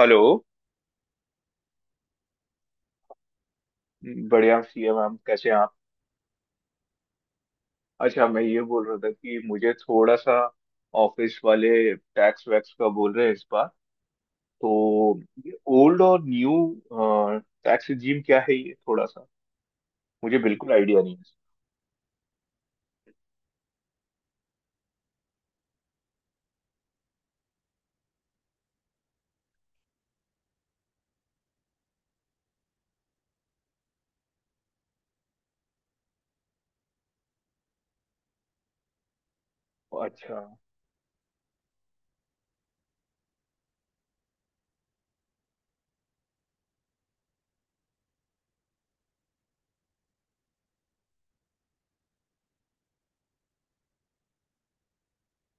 Hello. बढ़िया सी है मैम, कैसे हैं आप? अच्छा, मैं ये बोल रहा था कि मुझे थोड़ा सा ऑफिस वाले टैक्स वैक्स का बोल रहे हैं इस बार। तो ये ओल्ड और न्यू टैक्स रिजीम क्या है, ये थोड़ा सा मुझे बिल्कुल आइडिया नहीं है। अच्छा।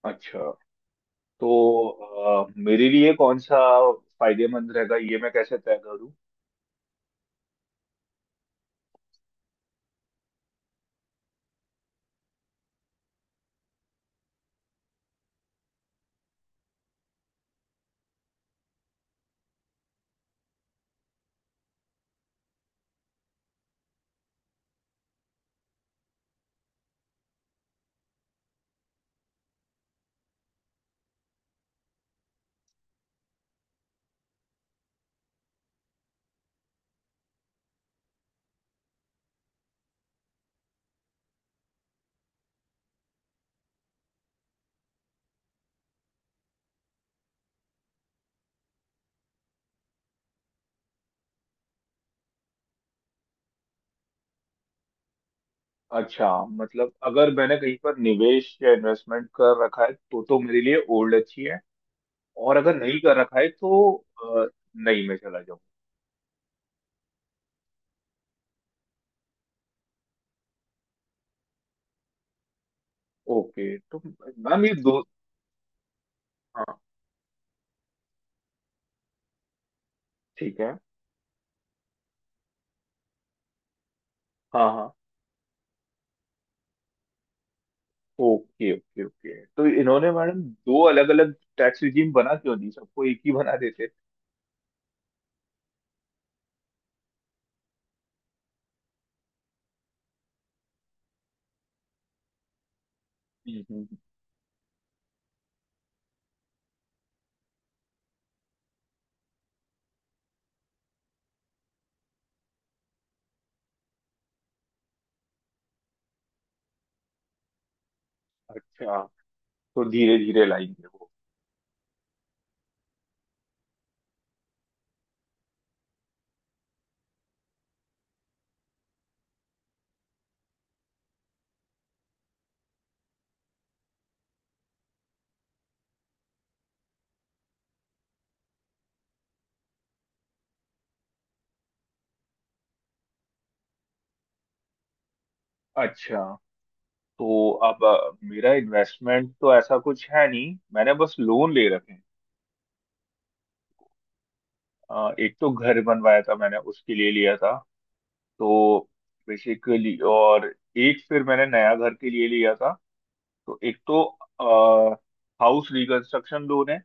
अच्छा तो मेरे लिए कौन सा फायदेमंद रहेगा, ये मैं कैसे तय करूँ? अच्छा, मतलब अगर मैंने कहीं पर निवेश या इन्वेस्टमेंट कर रखा है तो मेरे लिए ओल्ड अच्छी है, और अगर नहीं कर रखा है तो अ, नहीं में चला जाऊँ। ओके तो मैम ये दो। हाँ, ठीक है। हाँ हाँ। ओके ओके ओके, तो इन्होंने मैडम दो अलग अलग टैक्स रिजीम बना क्यों दी? सबको एक ही बना देते। हम्म। अच्छा, तो धीरे धीरे लाएंगे वो। अच्छा, तो अब मेरा इन्वेस्टमेंट तो ऐसा कुछ है नहीं, मैंने बस लोन ले रखे हैं। एक तो घर बनवाया था मैंने, उसके लिए लिया था। तो बेसिकली, और एक फिर मैंने नया घर के लिए लिया था। तो एक तो हाउस रिकंस्ट्रक्शन लोन है,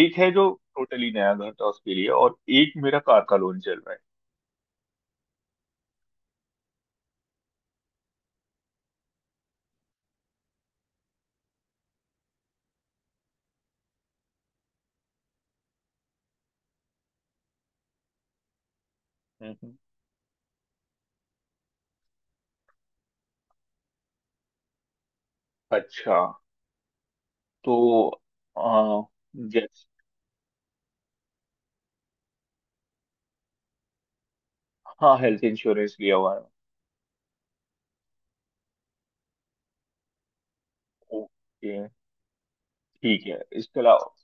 एक है जो टोटली नया घर था उसके लिए, और एक मेरा कार का लोन चल रहा है। हम्म हम्म। अच्छा, तो आ, जैस हाँ, हेल्थ इंश्योरेंस लिया हुआ है। ओके। ठीक है, इसके अलावा।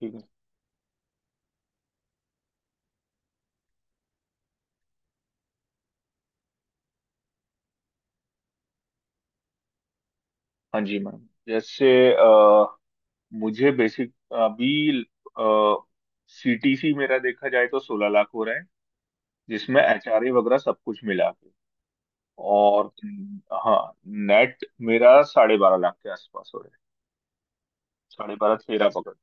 ठीक है। हाँ जी मैम। जैसे अ, मुझे बेसिक अभी सीटीसी मेरा देखा जाए तो 16 लाख हो रहा है, जिसमें एचआरए वगैरह सब कुछ मिला के। और हाँ, नेट मेरा 12.5 लाख के आसपास हो रहा है। साढ़े बारह तेरह पकड़।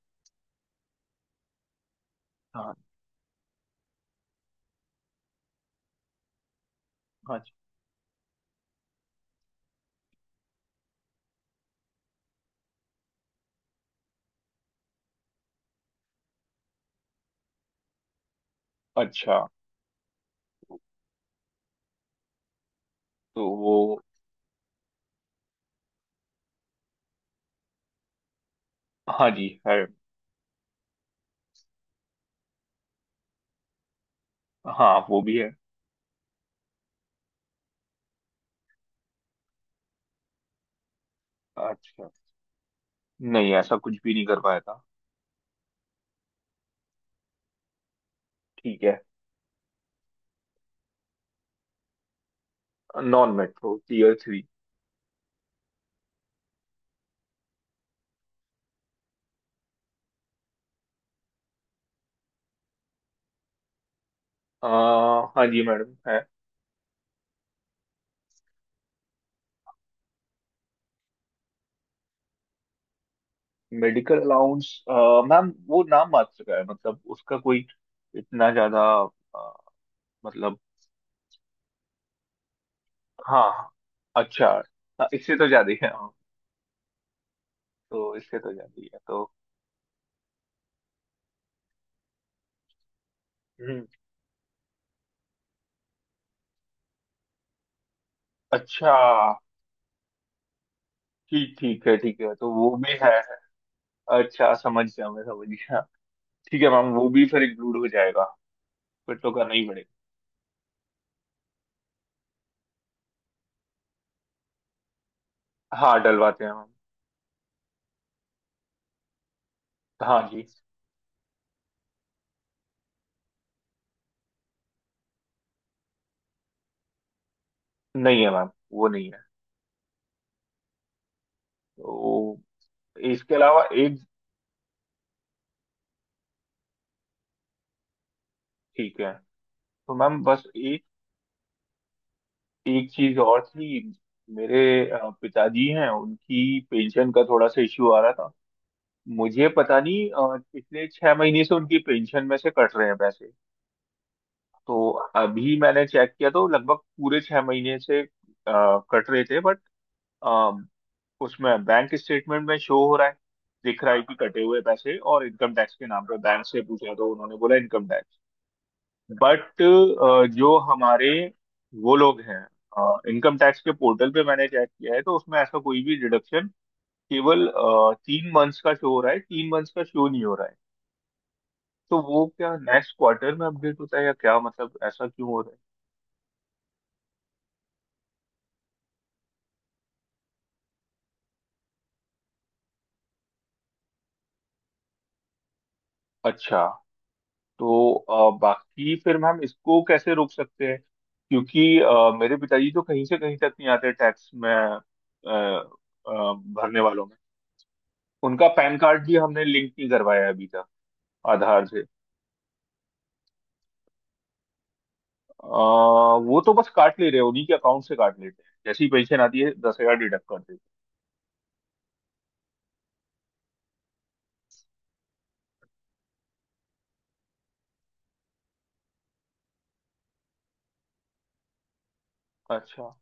हाँ। हाँ जी। अच्छा, तो वो हाँ जी है। हाँ, वो भी है। अच्छा, नहीं ऐसा कुछ भी नहीं कर पाया था। ठीक है। Non metro, tier three. आ, हाँ जी मैडम, है। Medical allowance. मैम वो नाम मात्र का है, मतलब उसका कोई इतना ज्यादा अ, मतलब। हाँ। अच्छा। हाँ, इससे तो ज्यादा ही है हाँ। तो इससे तो ज्यादा ही है तो। अच्छा। ठीक ठीक है, ठीक है, तो वो भी है। अच्छा समझ गया, मैं समझ गया। ठीक है मैम, वो भी फिर इंक्लूड हो जाएगा। फिर तो करना ही पड़ेगा। हाँ डलवाते हैं मैम। हाँ जी। नहीं है मैम, वो नहीं है। तो इसके अलावा एक। ठीक है। तो मैम बस एक, एक चीज और थी। मेरे पिताजी हैं, उनकी पेंशन का थोड़ा सा इश्यू आ रहा था। मुझे पता नहीं, पिछले 6 महीने से उनकी पेंशन में से कट रहे हैं पैसे। तो अभी मैंने चेक किया तो लगभग पूरे 6 महीने से कट रहे थे, बट उसमें बैंक स्टेटमेंट में शो हो रहा है, दिख रहा है कि कटे हुए पैसे और इनकम टैक्स के नाम पे। बैंक से पूछा तो उन्होंने बोला इनकम टैक्स, बट जो हमारे वो लोग हैं इनकम टैक्स के पोर्टल पे मैंने चेक किया है तो उसमें ऐसा कोई भी डिडक्शन केवल 3 मंथ्स का शो हो रहा है, 3 मंथ्स का शो नहीं हो रहा है। तो वो क्या नेक्स्ट क्वार्टर में अपडेट होता है या क्या, मतलब ऐसा क्यों हो रहा है? अच्छा। तो बाकी फिर मैम इसको कैसे रोक सकते हैं, क्योंकि मेरे पिताजी तो कहीं से कहीं तक नहीं आते टैक्स में, अ, भरने वालों में। उनका पैन कार्ड भी हमने लिंक नहीं करवाया है अभी तक आधार से। अ, वो तो बस काट ले रहे हैं, उन्हीं के अकाउंट से काट लेते हैं, जैसे ही पेंशन आती है 10 हजार डिडक्ट कर देते हैं। अच्छा,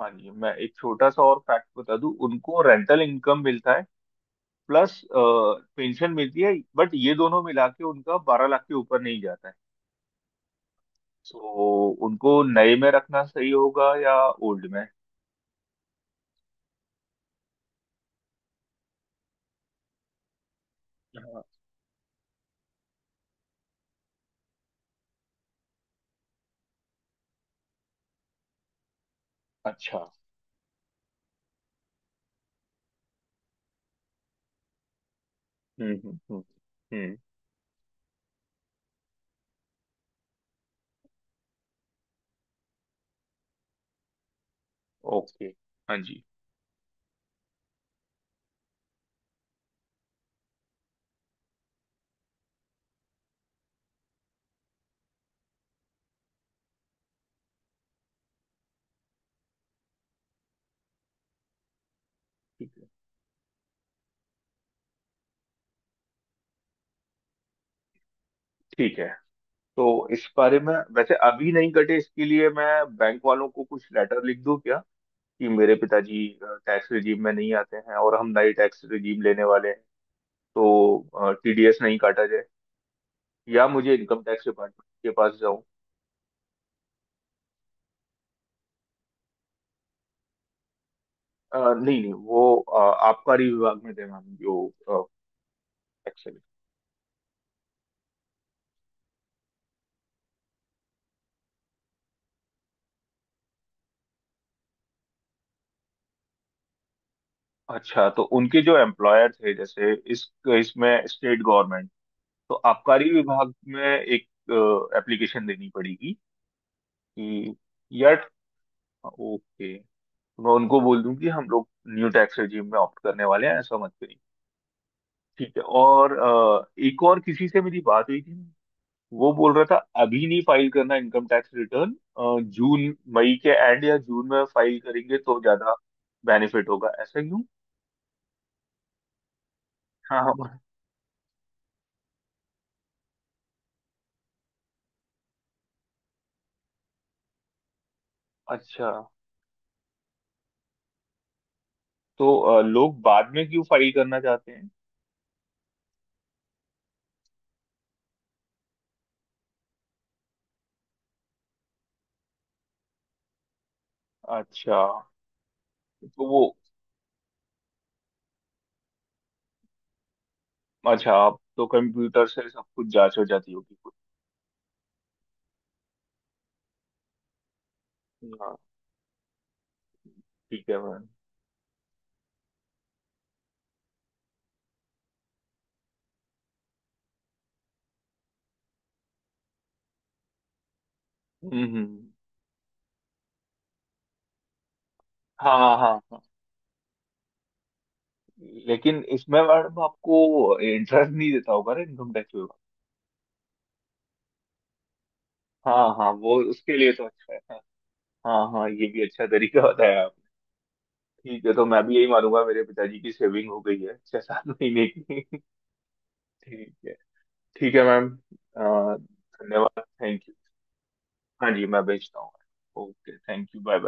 हाँ जी मैं एक छोटा सा और फैक्ट बता दूं, उनको रेंटल इनकम मिलता है प्लस पेंशन मिलती है, बट ये दोनों मिला के उनका 12 लाख के ऊपर नहीं जाता है। तो उनको नए में रखना सही होगा या ओल्ड में? हाँ। अच्छा। हम्म। हम्म। ओके। हाँ जी। ठीक है। ठीक है, तो इस बारे में वैसे अभी नहीं कटे, इसके लिए मैं बैंक वालों को कुछ लेटर लिख दूं क्या कि मेरे पिताजी टैक्स रिजीम में नहीं आते हैं और हम नए टैक्स रिजीम लेने वाले हैं तो टीडीएस नहीं काटा जाए? या मुझे इनकम टैक्स डिपार्टमेंट के पास जाऊं? नहीं नहीं, वो आबकारी विभाग में थे मैम, जो टैक्स। अच्छा, तो उनके जो एम्प्लॉयर थे जैसे इस, इसमें स्टेट गवर्नमेंट। तो आबकारी विभाग में एक एप्लीकेशन देनी पड़ेगी कि, यार। ओके, मैं उनको बोल दूं कि हम लोग न्यू टैक्स रेजिम में ऑप्ट करने वाले हैं, ऐसा मत करिए। ठीक है। और एक और किसी से मेरी बात हुई थी, वो बोल रहा था अभी नहीं फाइल करना इनकम टैक्स रिटर्न, जून मई के एंड या जून में फाइल करेंगे तो ज्यादा बेनिफिट होगा। ऐसा क्यों? हाँ हाँ। अच्छा, तो लोग बाद में क्यों फाइल करना चाहते हैं? अच्छा। तो वो अच्छा, आप तो कंप्यूटर से सब कुछ जांच हो जाती होगी कुछ। हाँ। ठीक है मैम। हम्म हम्म, हम्म। हाँ हाँ हाँ हाँ। लेकिन इसमें मैडम आपको इंटरेस्ट नहीं देता होगा ना इनकम टैक्स विभाग? हाँ हाँ, वो उसके लिए तो अच्छा है हाँ। हाँ हाँ, ये भी अच्छा तरीका बताया आपने। ठीक है, तो मैं भी यही मानूंगा, मेरे पिताजी की सेविंग हो गई है 6-7 महीने की। ठीक है। ठीक है मैम। अ, धन्यवाद। Thank you. हाँ जी मैं भेजता हूँ। Okay, thank you, bye bye.